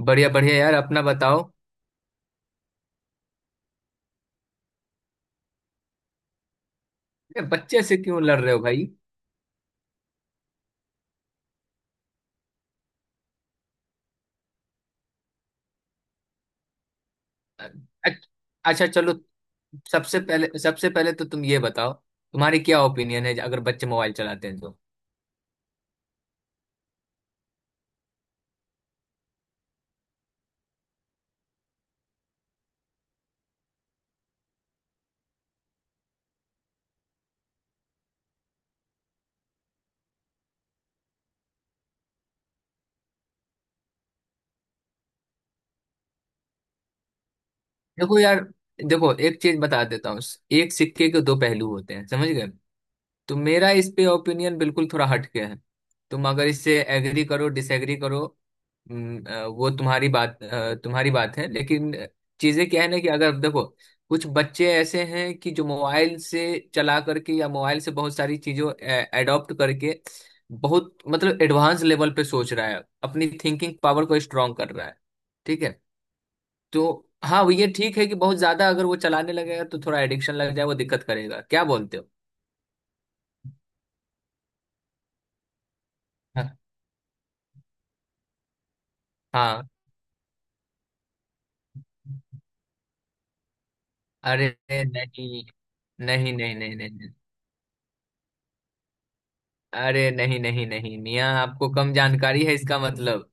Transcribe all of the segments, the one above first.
बढ़िया बढ़िया यार, अपना बताओ। ये बच्चे से क्यों लड़ रहे हो भाई? अच्छ- अच्छा, चलो। सबसे पहले तो तुम ये बताओ, तुम्हारी क्या ओपिनियन है अगर बच्चे मोबाइल चलाते हैं तो? देखो यार, देखो एक चीज बता देता हूँ। एक सिक्के के दो पहलू होते हैं, समझ गए? तो मेरा इस पे ओपिनियन बिल्कुल थोड़ा हटके है। तुम अगर इससे एग्री करो डिसएग्री करो। अ, वो तुम्हारी बात अ, तुम्हारी बात है, लेकिन चीजें क्या है ना कि अगर देखो कुछ बच्चे ऐसे हैं कि जो मोबाइल से चला करके या मोबाइल से बहुत सारी चीजों एडॉप्ट करके बहुत मतलब एडवांस लेवल पे सोच रहा है, अपनी थिंकिंग पावर को स्ट्रांग कर रहा है। ठीक है। तो हाँ, वो ये ठीक है कि बहुत ज्यादा अगर वो चलाने लगेगा तो थोड़ा एडिक्शन लग जाए, वो दिक्कत करेगा, क्या बोलते हो? हाँ। अरे नहीं नहीं नहीं नहीं नहीं नहीं। अरे नहीं नहीं नहीं मियाँ, आपको कम जानकारी है इसका मतलब।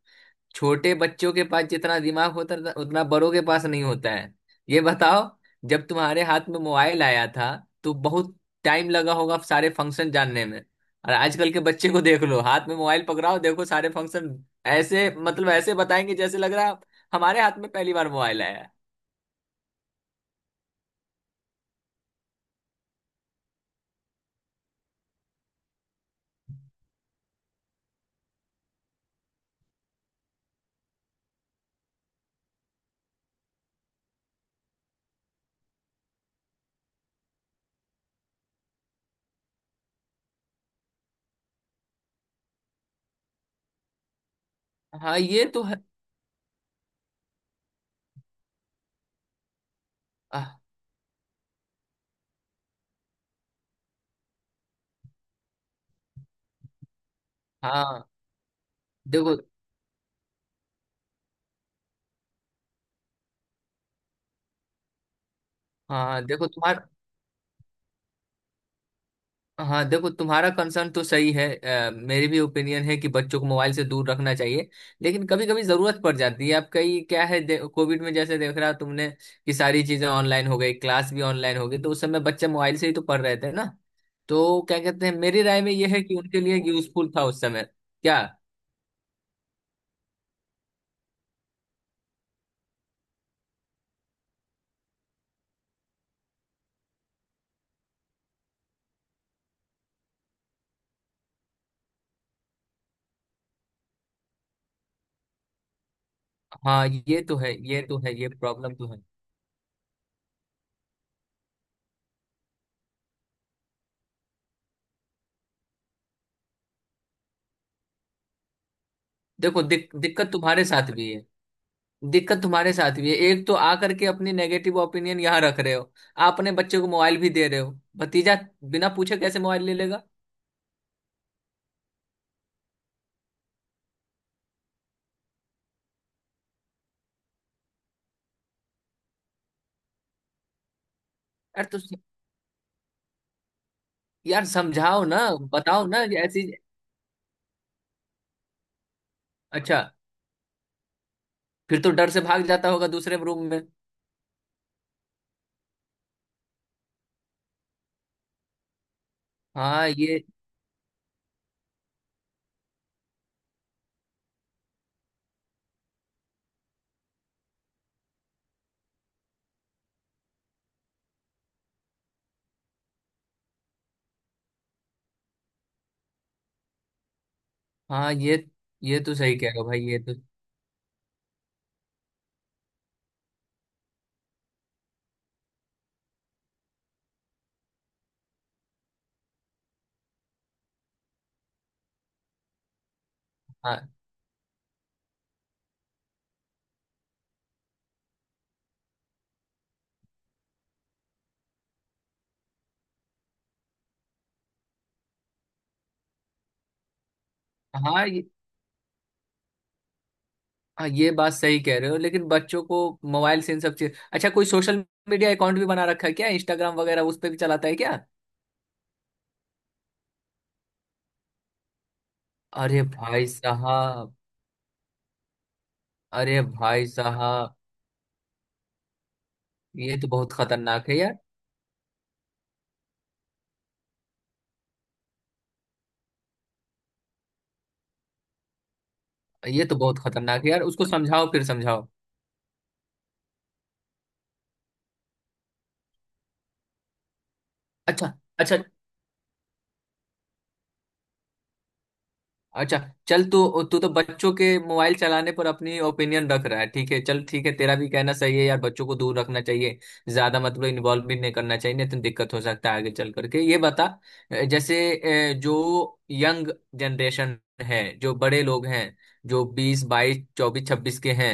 छोटे बच्चों के पास जितना दिमाग होता है उतना बड़ों के पास नहीं होता है। ये बताओ, जब तुम्हारे हाथ में मोबाइल आया था तो बहुत टाइम लगा होगा सारे फंक्शन जानने में। और आजकल के बच्चे को देख लो, हाथ में मोबाइल पकड़ाओ, देखो सारे फंक्शन ऐसे मतलब ऐसे बताएंगे जैसे लग रहा है हमारे हाथ में पहली बार मोबाइल आया है। हाँ, ये तो है। आह, हाँ देखो। हाँ देखो तुम्हारा। हाँ देखो, तुम्हारा कंसर्न तो सही है। मेरी भी ओपिनियन है कि बच्चों को मोबाइल से दूर रखना चाहिए, लेकिन कभी कभी जरूरत पड़ जाती है। अब कई क्या है, कोविड में जैसे देख रहा तुमने कि सारी चीजें ऑनलाइन हो गई, क्लास भी ऑनलाइन हो गई, तो उस समय बच्चे मोबाइल से ही तो पढ़ रहे थे ना? तो क्या कहते हैं, मेरी राय में यह है कि उनके लिए यूजफुल था उस समय। क्या? हाँ, ये तो है, ये तो है, ये प्रॉब्लम तो है। देखो दिक्कत तुम्हारे साथ भी है। दिक्कत तुम्हारे साथ भी है, एक तो आ करके अपनी नेगेटिव ओपिनियन यहाँ रख रहे हो। आप अपने बच्चे को मोबाइल भी दे रहे हो, भतीजा बिना पूछे कैसे मोबाइल ले लेगा? यार तो। यार समझाओ ना, बताओ ना ये ऐसी। अच्छा, फिर तो डर से भाग जाता होगा दूसरे रूम में। हाँ ये। हाँ, ये तो सही कह रहे हो भाई, ये तो। हाँ। हाँ ये। हाँ, ये बात सही कह रहे हो, लेकिन बच्चों को मोबाइल से इन सब चीज। अच्छा, कोई सोशल मीडिया अकाउंट भी बना रखा है क्या? इंस्टाग्राम वगैरह उस पर भी चलाता है क्या? अरे भाई साहब। अरे भाई साहब, ये तो बहुत खतरनाक है यार। ये तो बहुत खतरनाक है यार, उसको समझाओ, फिर समझाओ। अच्छा। अच्छा। अच्छा, चल, तू तू तो बच्चों के मोबाइल चलाने पर अपनी ओपिनियन रख रहा है। ठीक है, चल, ठीक है, तेरा भी कहना सही है यार, बच्चों को दूर रखना चाहिए। ज्यादा मतलब इन्वॉल्व भी नहीं करना चाहिए, नहीं तो दिक्कत हो सकता है आगे चल करके। ये बता, जैसे जो यंग जनरेशन है, जो बड़े लोग हैं, जो 20 22 24 26 के हैं,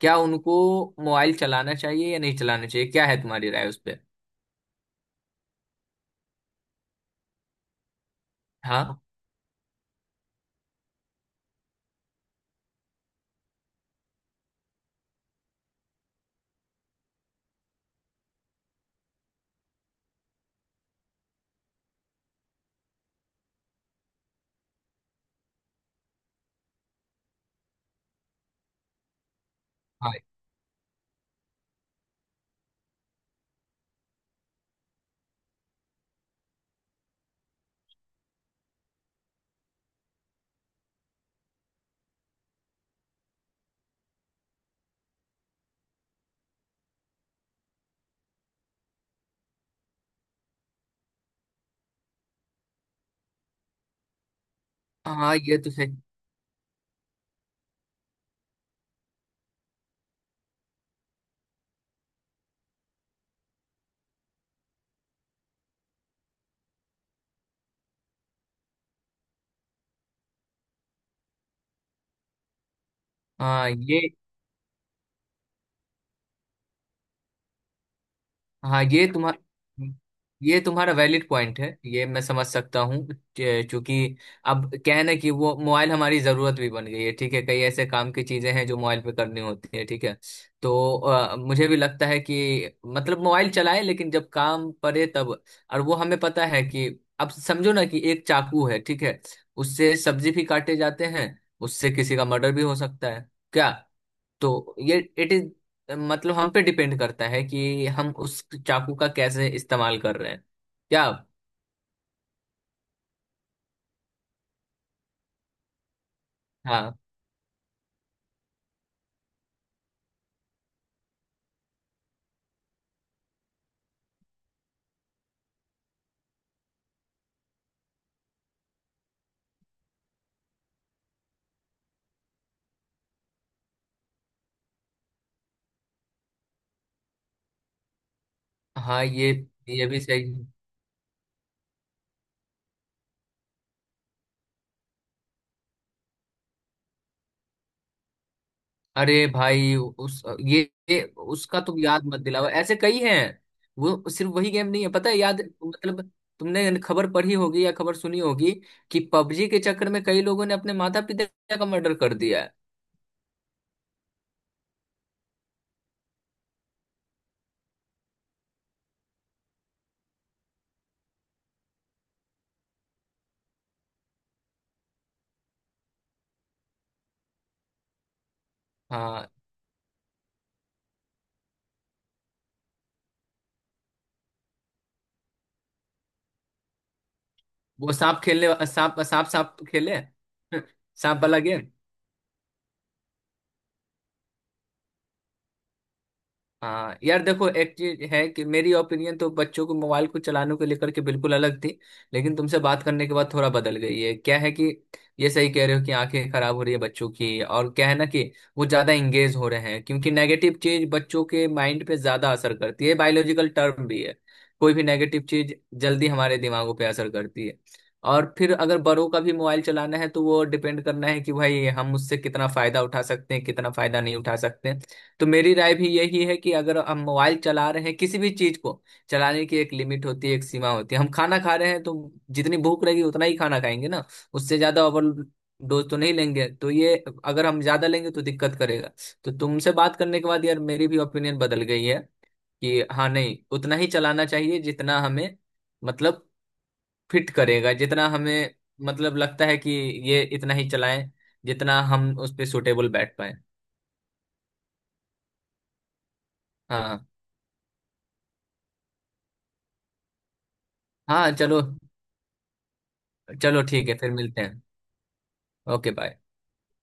क्या उनको मोबाइल चलाना चाहिए या नहीं चलाना चाहिए, क्या है तुम्हारी राय उस पर? हाँ। हाँ। हाँ, ये तो सही। हाँ ये। हाँ, ये तुम्हारा वैलिड पॉइंट है, ये मैं समझ सकता हूँ। चूंकि अब क्या है ना कि वो मोबाइल हमारी जरूरत भी बन गई है। ठीक है, कई ऐसे काम की चीजें हैं जो मोबाइल पे करनी होती है। ठीक है, तो मुझे भी लगता है कि मतलब मोबाइल चलाए लेकिन जब काम पड़े तब। और वो हमें पता है कि अब समझो ना कि एक चाकू है, ठीक है, उससे सब्जी भी काटे जाते हैं, उससे किसी का मर्डर भी हो सकता है क्या? तो ये इट इज मतलब हम पे डिपेंड करता है कि हम उस चाकू का कैसे इस्तेमाल कर रहे हैं। क्या? हाँ। हाँ, ये भी सही है। अरे भाई, ये उसका तुम याद मत दिलाओ, ऐसे कई हैं। वो सिर्फ वही गेम नहीं है, पता है, याद मतलब तुमने खबर पढ़ी होगी या खबर सुनी होगी कि पबजी के चक्कर में कई लोगों ने अपने माता पिता का मर्डर कर दिया है। हाँ। वो सांप खेलने सांप सांप सांप खेले। सांप वाला गेम। हाँ यार देखो, एक चीज है कि मेरी ओपिनियन तो बच्चों को मोबाइल को चलाने को लेकर के बिल्कुल अलग थी, लेकिन तुमसे बात करने के बाद थोड़ा बदल गई है। क्या है कि ये सही कह रहे हो कि आंखें खराब हो रही है बच्चों की, और क्या है ना कि वो ज्यादा इंगेज हो रहे हैं, क्योंकि नेगेटिव चीज बच्चों के माइंड पे ज्यादा असर करती है, बायोलॉजिकल टर्म भी है। कोई भी नेगेटिव चीज जल्दी हमारे दिमागों पे असर करती है। और फिर अगर बड़ों का भी मोबाइल चलाना है तो वो डिपेंड करना है कि भाई हम उससे कितना फायदा उठा सकते हैं, कितना फायदा नहीं उठा सकते। तो मेरी राय भी यही है कि अगर हम मोबाइल चला रहे हैं, किसी भी चीज को चलाने की एक लिमिट होती है, एक सीमा होती है। हम खाना खा रहे हैं तो जितनी भूख रहेगी उतना ही खाना खाएंगे ना, उससे ज्यादा ओवर डोज तो नहीं लेंगे, तो ये अगर हम ज्यादा लेंगे तो दिक्कत करेगा। तो तुमसे बात करने के बाद यार मेरी भी ओपिनियन बदल गई है कि हाँ नहीं, उतना ही चलाना चाहिए जितना हमें मतलब फिट करेगा, जितना हमें मतलब लगता है कि ये इतना ही चलाएं, जितना हम उस पे सुटेबल बैठ पाए। हाँ। हाँ, चलो। चलो, ठीक है, फिर मिलते हैं। Okay bye.